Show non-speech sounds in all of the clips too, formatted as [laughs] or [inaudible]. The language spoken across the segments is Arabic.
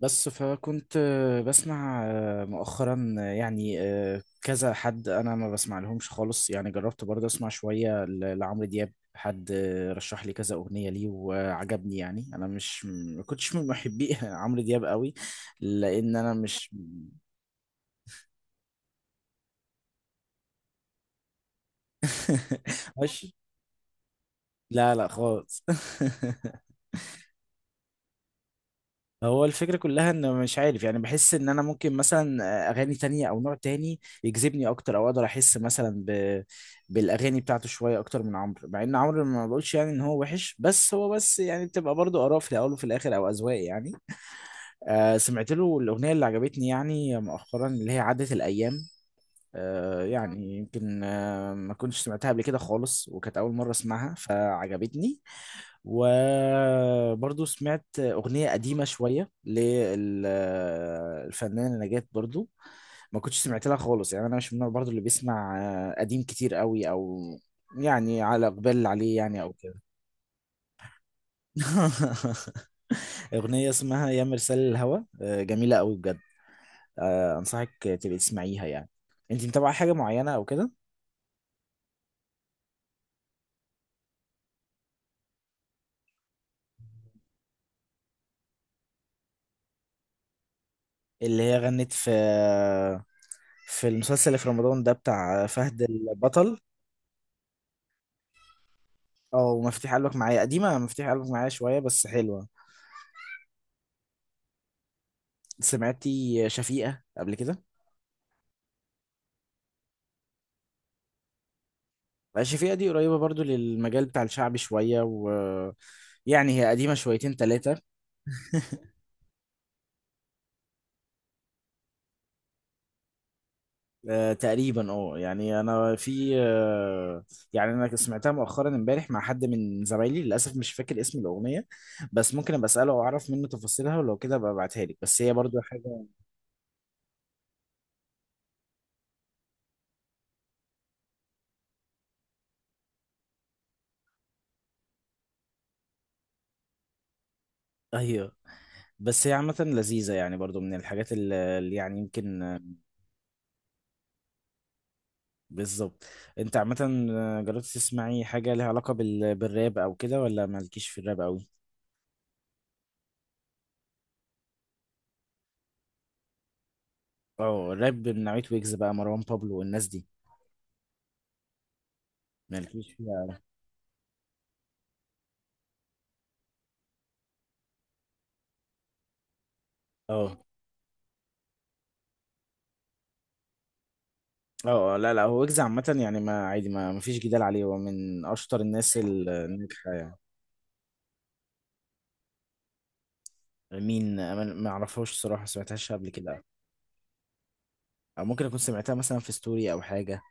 بس فكنت بسمع مؤخرا يعني كذا حد. انا ما بسمع لهمش خالص، يعني جربت برضه اسمع شوية لعمرو دياب. حد رشح لي كذا اغنية ليه وعجبني، يعني انا مش ما كنتش من محبي [laughs] عمرو دياب قوي لان انا مش [laughs] مش. لا لا خالص. [laughs] هو الفكرة كلها ان مش عارف، يعني بحس ان انا ممكن مثلا اغاني تانية او نوع تاني يجذبني اكتر، او اقدر احس مثلا بالاغاني بتاعته شوية اكتر من عمرو، مع ان عمرو ما بقولش يعني ان هو وحش، بس هو بس يعني بتبقى برضو اراء في الاول وفي الاخر او اذواق يعني. سمعت له الاغنية اللي عجبتني يعني مؤخرا، اللي هي عدت الايام. يعني يمكن ما كنتش سمعتها قبل كده خالص، وكانت اول مرة اسمعها فعجبتني. وبرضو سمعت أغنية قديمة شوية للفنانة نجاة، برضو ما كنتش سمعت لها خالص، يعني أنا مش من النوع برضو اللي بيسمع قديم كتير قوي أو يعني على إقبال عليه، يعني أو كده. [laughs] أغنية اسمها يا مرسال الهوى، جميلة قوي بجد. أنصحك تبقي تسمعيها يعني. أنت متابعة حاجة معينة أو كده؟ اللي هي غنت في المسلسل اللي في رمضان ده، بتاع فهد البطل. اه ومفاتيح قلبك معايا، قديمة مفاتيح قلبك معايا شوية بس حلوة. سمعتي شفيقة قبل كده؟ شفيقة دي قريبة برضو للمجال بتاع الشعب شوية، و يعني هي قديمة شويتين ثلاثة تقريبا. اه يعني انا في يعني انا سمعتها مؤخرا امبارح مع حد من زمايلي، للاسف مش فاكر اسم الاغنية، بس ممكن ابقى اساله واعرف منه تفاصيلها ولو كده ابقى ابعتها لك، بس هي برضو حاجة. ايوه، بس هي عامة لذيذة، يعني برضو من الحاجات اللي يعني يمكن. بالظبط. انت عامة جربت تسمعي حاجة ليها علاقة بالراب او كده، ولا مالكيش في الراب قوي؟ اه، الراب من نوعية ويجز بقى، مروان بابلو والناس دي. مالكيش فيها. اه. اه. لا لا، هو ويجز عامة يعني ما عادي، ما فيش جدال عليه، هو من اشطر الناس الناجحة يعني. مين؟ ما اعرفهاش الصراحة، سمعتهاش قبل كده. او ممكن اكون سمعتها مثلا في ستوري او حاجة.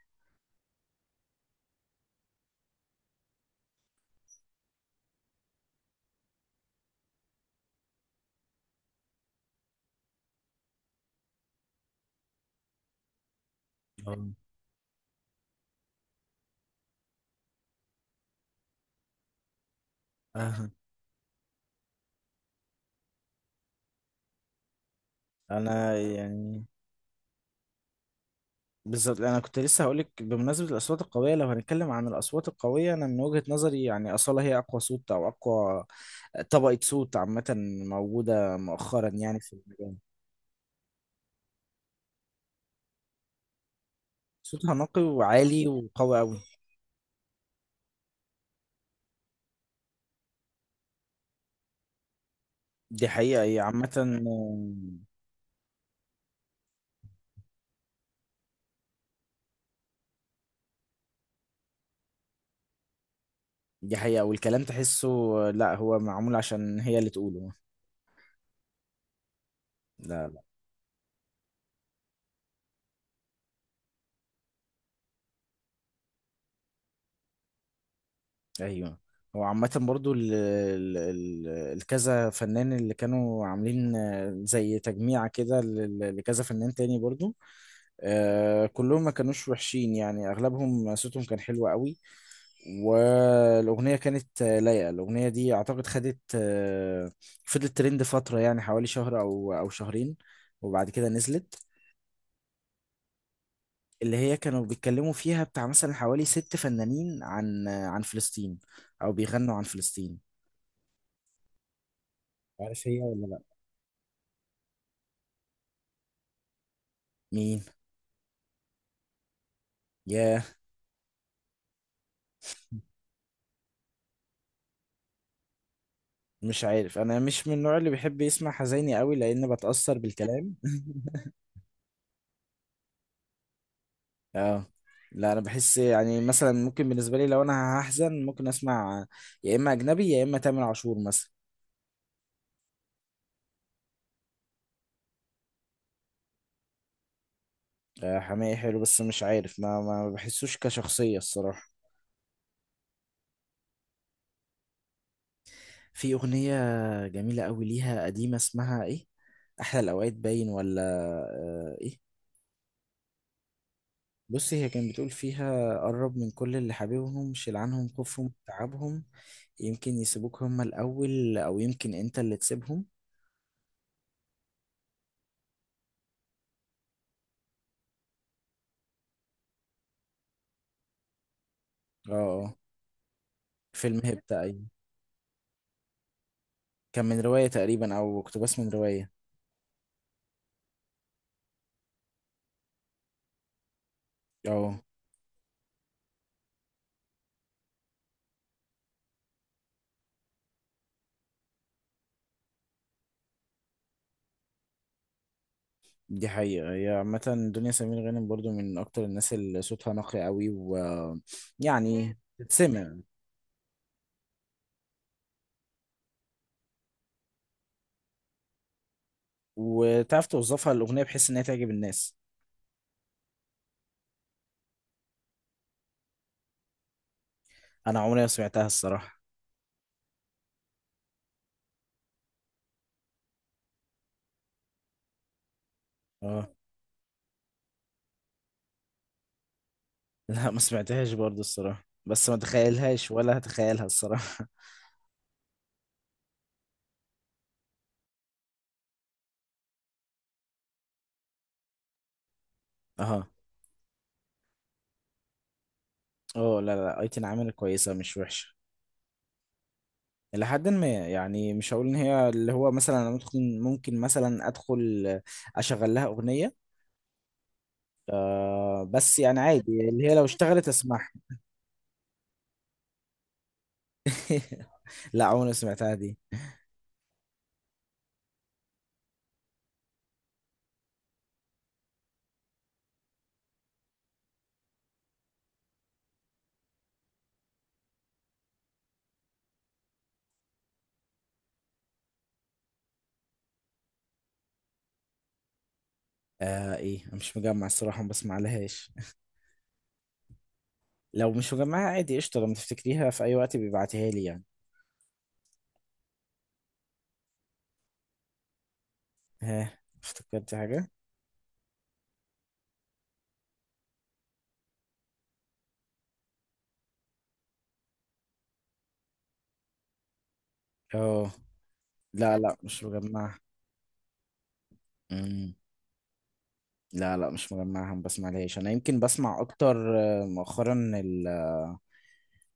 اه. آه. انا يعني بالظبط انا كنت لسه هقولك، بمناسبه الاصوات القويه، لو هنتكلم عن الاصوات القويه انا من وجهه نظري يعني اصاله هي اقوى صوت، او اقوى طبقه صوت عامه موجوده مؤخرا يعني في المجال. صوتها نقي وعالي وقوي قوي. دي حقيقه، هي عامه. دي حقيقه، والكلام تحسه. لا هو معمول عشان هي اللي تقوله. لا لا. ايوه، هو عامة برضو ال ال ال الكذا فنان اللي كانوا عاملين زي تجميعة كده لكذا فنان تاني برضو، آه كلهم ما كانوش وحشين، يعني اغلبهم صوتهم كان حلو قوي. والاغنيه كانت لايقه، الاغنيه دي اعتقد خدت فضلت ترند فتره، يعني حوالي شهر او شهرين، وبعد كده نزلت. اللي هي كانوا بيتكلموا فيها بتاع مثلا حوالي ست فنانين عن عن فلسطين، او بيغنوا عن فلسطين. عارف هي ولا لا؟ مين؟ ياه، مش عارف، انا مش من النوع اللي بيحب يسمع حزيني قوي لان بتأثر بالكلام. اه لا، انا بحس يعني مثلا ممكن بالنسبه لي لو انا هحزن ممكن اسمع، يا اما اجنبي يا اما تامر عاشور مثلا. حماقي حلو، بس مش عارف ما بحسوش كشخصيه الصراحه. في اغنيه جميله قوي ليها قديمه، اسمها ايه، احلى الاوقات باين ولا ايه. بصي، هي كانت بتقول فيها، قرب من كل اللي حبيبهم، شيل عنهم خوفهم تعبهم، يمكن يسيبوك هما الاول او يمكن انت اللي تسيبهم. اه. اه. فيلم هيبتا، أيوة. كان من رواية تقريبا، أو اقتباس من رواية. اه. دي حقيقة، هي عامة دنيا سمير غانم برضو من أكتر الناس اللي صوتها نقي قوي. مم. ويعني تتسمع. وتعرف توظفها الأغنية بحيث إنها تعجب الناس. أنا عمري ما سمعتها الصراحة. اه. [laughs] لا، ما سمعتهاش برضو الصراحة، بس ما تخيلهاش ولا هتخيلها الصراحة. [laughs] اه. اه لا لا، أيتن عامل كويسة، مش وحشة إلى حد ما يعني، مش هقول إن هي اللي هو مثلا أنا ممكن مثلا أدخل أشغل لها أغنية، آه بس يعني عادي، اللي هي لو اشتغلت اسمعها. [laughs] لا عمري ما سمعتها دي. آه ايه، أنا مش مجمع الصراحة، ما بسمع لهاش. لو مش مجمعها عادي قشطة، لما تفتكريها في اي وقت بيبعتيها لي يعني. ها افتكرت حاجة؟ اه لا لا، مش مجمعها. مم. لا لا، مش مجمعها، ما بسمع لهاش، انا يمكن بسمع اكتر مؤخرا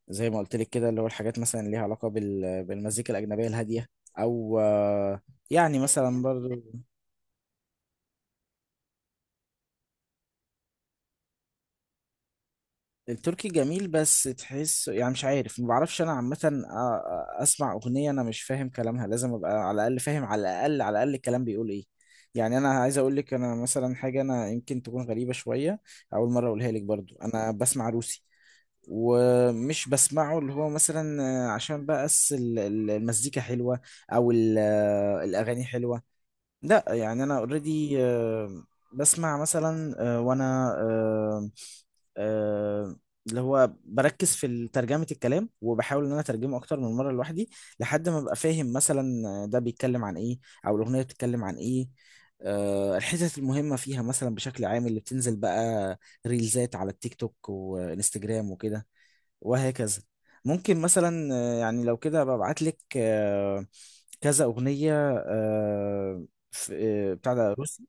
زي ما قلت لك كده، اللي هو الحاجات مثلا ليها علاقة بالمزيكا الأجنبية الهادية، او يعني مثلا برضو. التركي جميل، بس تحس يعني مش عارف، ما بعرفش انا عامه اسمع اغنيه انا مش فاهم كلامها، لازم ابقى على الاقل فاهم، على الاقل على الاقل الكلام بيقول ايه، يعني. انا عايز اقول لك انا مثلا حاجه، انا يمكن تكون غريبه شويه، اول مره اقولها لك. برضو انا بسمع روسي، ومش بسمعه اللي هو مثلا عشان بس المزيكا حلوه، او الاغاني حلوه. لا يعني انا اوريدي، بسمع مثلا وانا آه، اللي هو بركز في ترجمة الكلام، وبحاول ان انا اترجمه اكتر من مرة لوحدي، لحد ما ابقى فاهم مثلا ده بيتكلم عن ايه، او الاغنية بتتكلم عن ايه، الحتت المهمة فيها مثلا بشكل عام، اللي بتنزل بقى ريلزات على التيك توك وانستجرام وكده، وهكذا. ممكن مثلا يعني لو كده ببعت لك كذا أغنية، آه، في- بتاع ده روسي.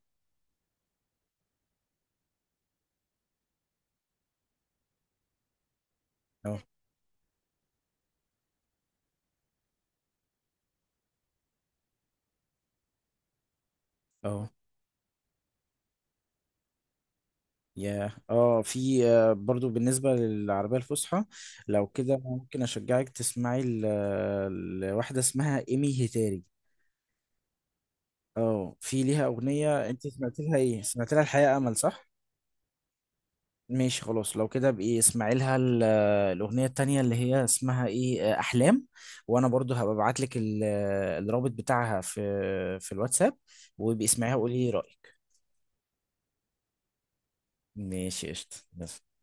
اه. اه. ياه. اه في برضو بالنسبة للعربية الفصحى، لو كده ممكن اشجعك تسمعي لواحدة اسمها ايمي هيتاري. اه في ليها اغنية، انت سمعت لها ايه، سمعت لها الحياة امل صح؟ ماشي خلاص، لو كده بقى اسمعي لها الاغنية التانية، اللي هي اسمها ايه، احلام. وانا برضو هبقى ابعت لك الرابط بتاعها في في الواتساب، وابقي اسمعيها وقولي ايه رأيك. ماشي قشطة، يلا.